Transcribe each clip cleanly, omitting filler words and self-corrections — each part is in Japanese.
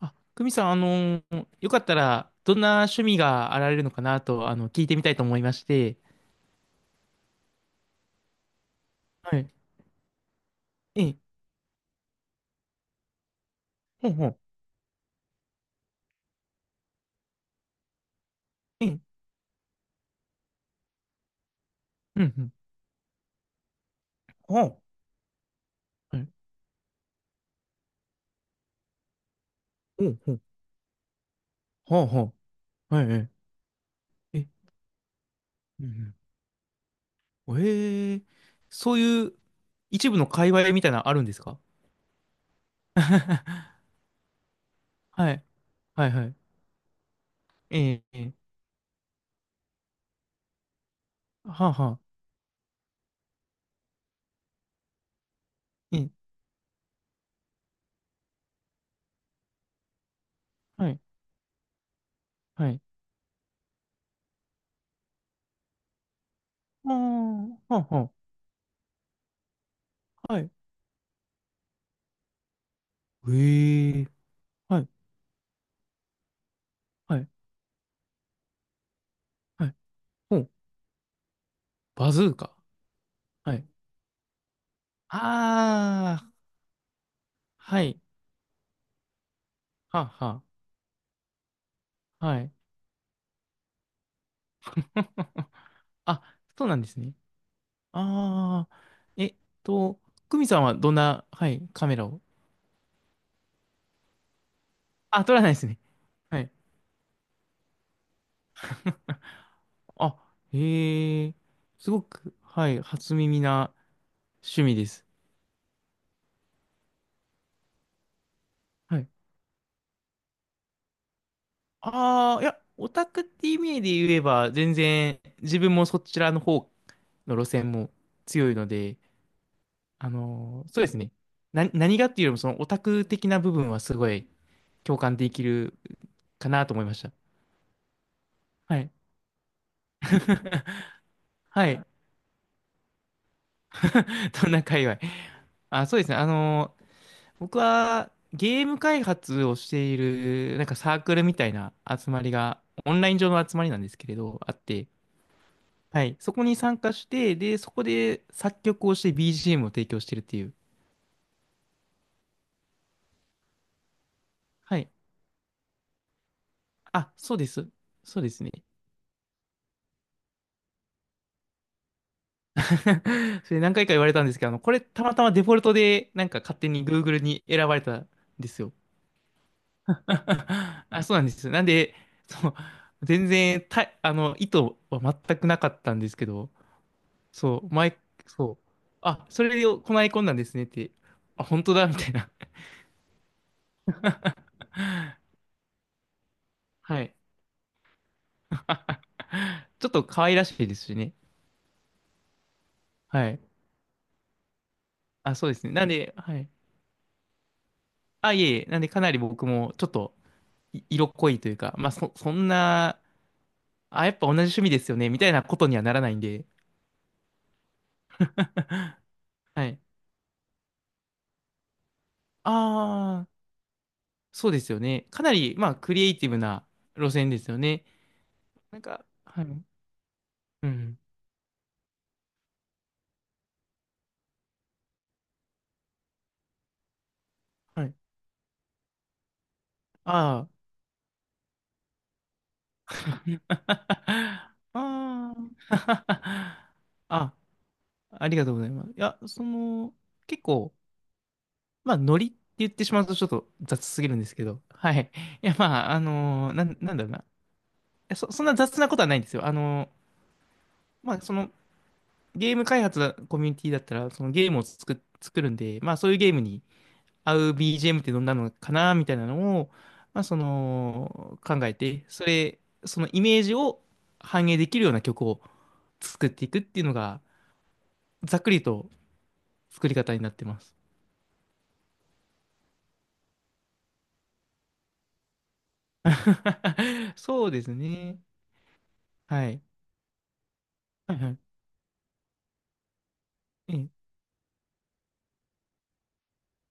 あ、久美さん、よかったら、どんな趣味があられるのかなと、聞いてみたいと思いまして。はい。ええ、ほうほう。ええ、うん、うん。ほう。はい。ほうほう。ほうほう。はい、はい。え、うんうん。へえ、そういう一部の界隈みたいなのあるんですか？ はい。はい、はい。ええ、ええ、はあ、はあ。ええ、はい、はい。ああ、はあ、はあ。はい。ええ、はい、はい、はい。ほう。バズーカ。はい、ああ、はい。はは、はい。あ、そうなんですね。ああ、えっと、久美さんはどんな、はい、カメラを。あ、撮らないですね。はい。あ、へえ、すごく、はい、初耳な趣味です。はい。ああ、いや、オタクって意味で言えば、全然、自分もそちらの方の路線も強いので、そうですね。何がっていうよりも、そのオタク的な部分はすごい、共感できるかなと思いました。はい。はい。どんな界隈。あ、そうですね。僕はゲーム開発をしている、なんかサークルみたいな集まりが、オンライン上の集まりなんですけれど、あって、はい。そこに参加して、で、そこで作曲をして BGM を提供してるっていう。はい。あ、そうです。そうですね。それ何回か言われたんですけど、これたまたまデフォルトで、なんか勝手に Google に選ばれたんですよ。あ、そうなんです。なんで、そう、全然た、あの、意図は全くなかったんですけど、そう、前、そう、あ、それをこないこんなんですねって、あ、本当だ、みたいな。はい。あ、ちょっと可愛らしいですしね。はい。あ、そうですね。なんで、はい。あ、いえいえ、なんでかなり僕もちょっと色濃いというか、まあ、そんな、あ、やっぱ同じ趣味ですよね、みたいなことにはならないんで、はい。ああ、そうですよね。かなり、まあ、クリエイティブな路線ですよね。なんか、はい。うん。はい。ああ。ああ。あ、ありがとうございます。いや、その、結構、まあ、ノリって言ってしまうとちょっと雑すぎるんですけど、はい。いや、まあ、なんだろうな。いや、そんな雑なことはないんですよ。まあ、その、ゲーム開発コミュニティだったら、そのゲームを作るんで、まあ、そういうゲームに、合う BGM ってどんなのかなみたいなのを、まあ、その考えて、それ、そのイメージを反映できるような曲を作っていくっていうのが、ざっくりと作り方になってます。そうですね。はい。はいはい。ええ、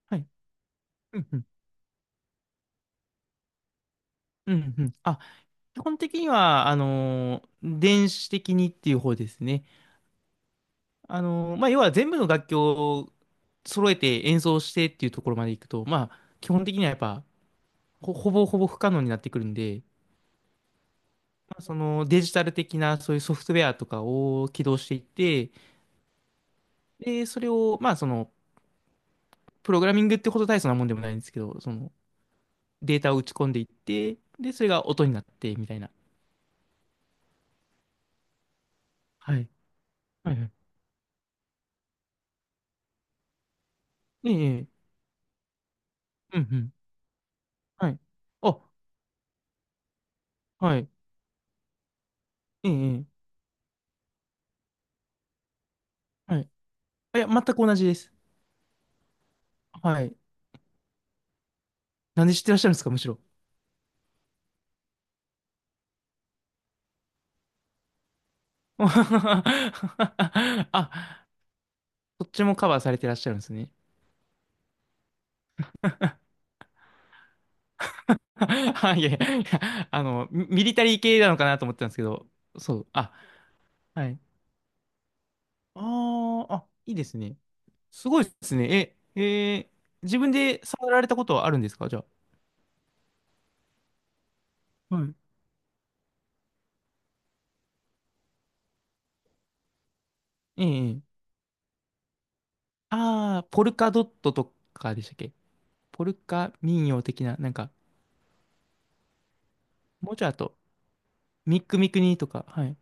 はい。うんうん。うんうん。あ、基本的には、電子的にっていう方ですね。まあ、要は全部の楽器を揃えて演奏してっていうところまでいくと、まあ、基本的にはやっぱ、ほぼほぼ不可能になってくるんで、まあ、そのデジタル的なそういうソフトウェアとかを起動していって、で、それを、まあその、プログラミングってほど大層なもんでもないんですけど、そのデータを打ち込んでいって、で、それが音になってみたいな。はい。はいはい。ええ、ええ、うんうん。はい。あ、はい。ええ、ええ、はい。あ、いや、全く同じです。はい。なんで知ってらっしゃるんですか、むしろ。あ、そっちもカバーされてらっしゃるんですね。はい、いやいや あの、ミリタリー系なのかなと思ってたんですけど、そう、あ、はい。ああ、あ、いいですね。すごいですね。え、えー、自分で触られたことはあるんですかじゃあ。はい。ええええ、ああ、ポルカドットとかでしたっけ？ポルカ民謡的な、なんか、もうちょいあと、ミックミクニとか、はい。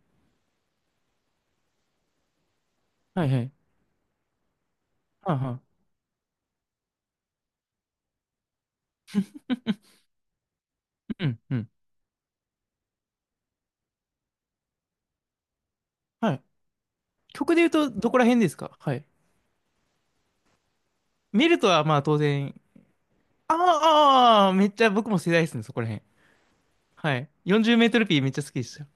はいはい。はいはい。うん、うん。はい。曲で言うと、どこら辺ですか、はい。メルトは、まあ、当然、あー、あー、めっちゃ僕も世代ですね、そこら辺。はい。40メートルピーめっちゃ好きですよ。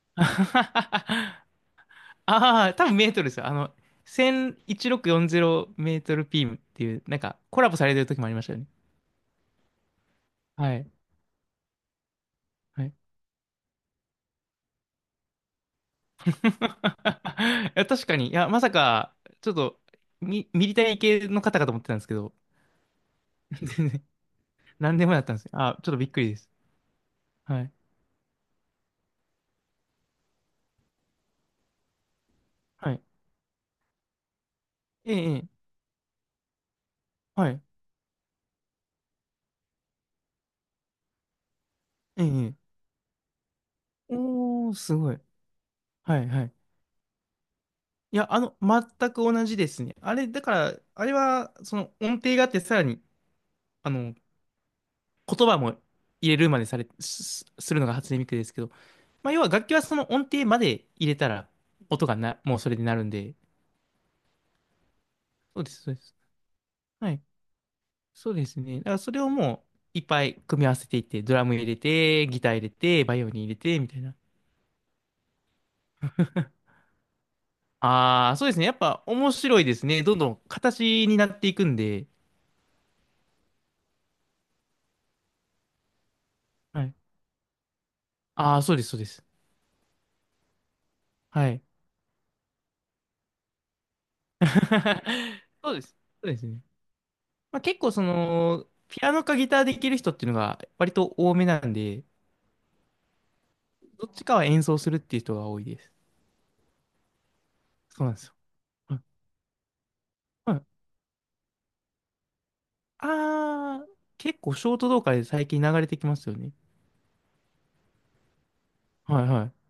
ああ、多分メートルですよ。101640メートルピーっていう、なんかコラボされてる時もありましたよね。はい。はい。いや、確かに。いや、まさか、ちょっと、ミリタリー系の方かと思ってたんですけど、全然、何でもやったんですよ。あ、ちょっとびっくりです。はい。はい。ええ、ええ、はい。ええ、ええ、おー、すごい。はい、はい。いや、あの、全く同じですね。あれ、だから、あれは、その音程があって、さらにあの、言葉も入れるまでされ、す、するのが初音ミクですけど、まあ、要は楽器はその音程まで入れたら、音がな、もうそれでなるんで、そうです、そうです。はい。そうですね。だからそれをもう、いっぱい組み合わせていって、ドラム入れて、ギター入れて、バイオリン入れて、みたいな。ああ、そうですね。やっぱ面白いですね。どんどん形になっていくんで。はい。ああ、そうです、そうです。はい。そうです。そうですね。まあ、結構その、ピアノかギターできる人っていうのが割と多めなんで、どっちかは演奏するっていう人が多いです。そうなんですよ。はいはい。あー、結構ショート動画で最近流れてきますよね。はいはい。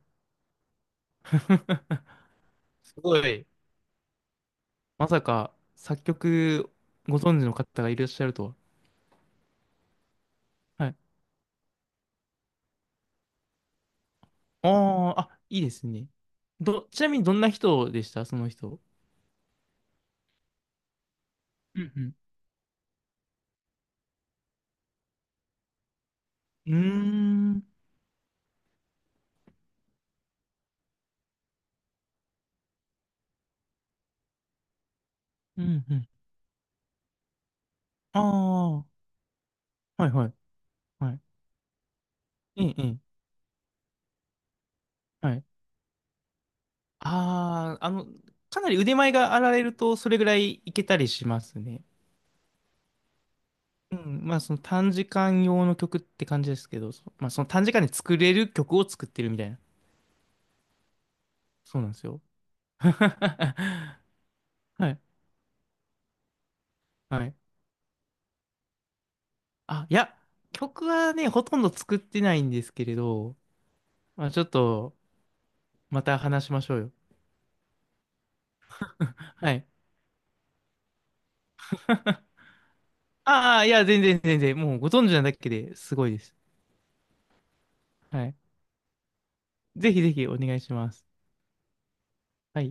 すごい。まさか作曲ご存知の方がいらっしゃるとは。はい。あー、あ、いいですね。ど、ちなみにどんな人でしたその人。うんうん。うーん。うんうん。あー、はいはい。はい。ええ、ええ。はい、ああ、かなり腕前があられると、それぐらいいけたりしますね。うん、まあその短時間用の曲って感じですけど、そ、まあその短時間で作れる曲を作ってるみたいな。そうなんですよ。はい、はい。あ、いや、曲はね、ほとんど作ってないんですけれど、まあちょっと、また話しましょうよ。はい。ああ、いや、全然全然、もうご存知なだけですごいです。はい。ぜひぜひお願いします。はい。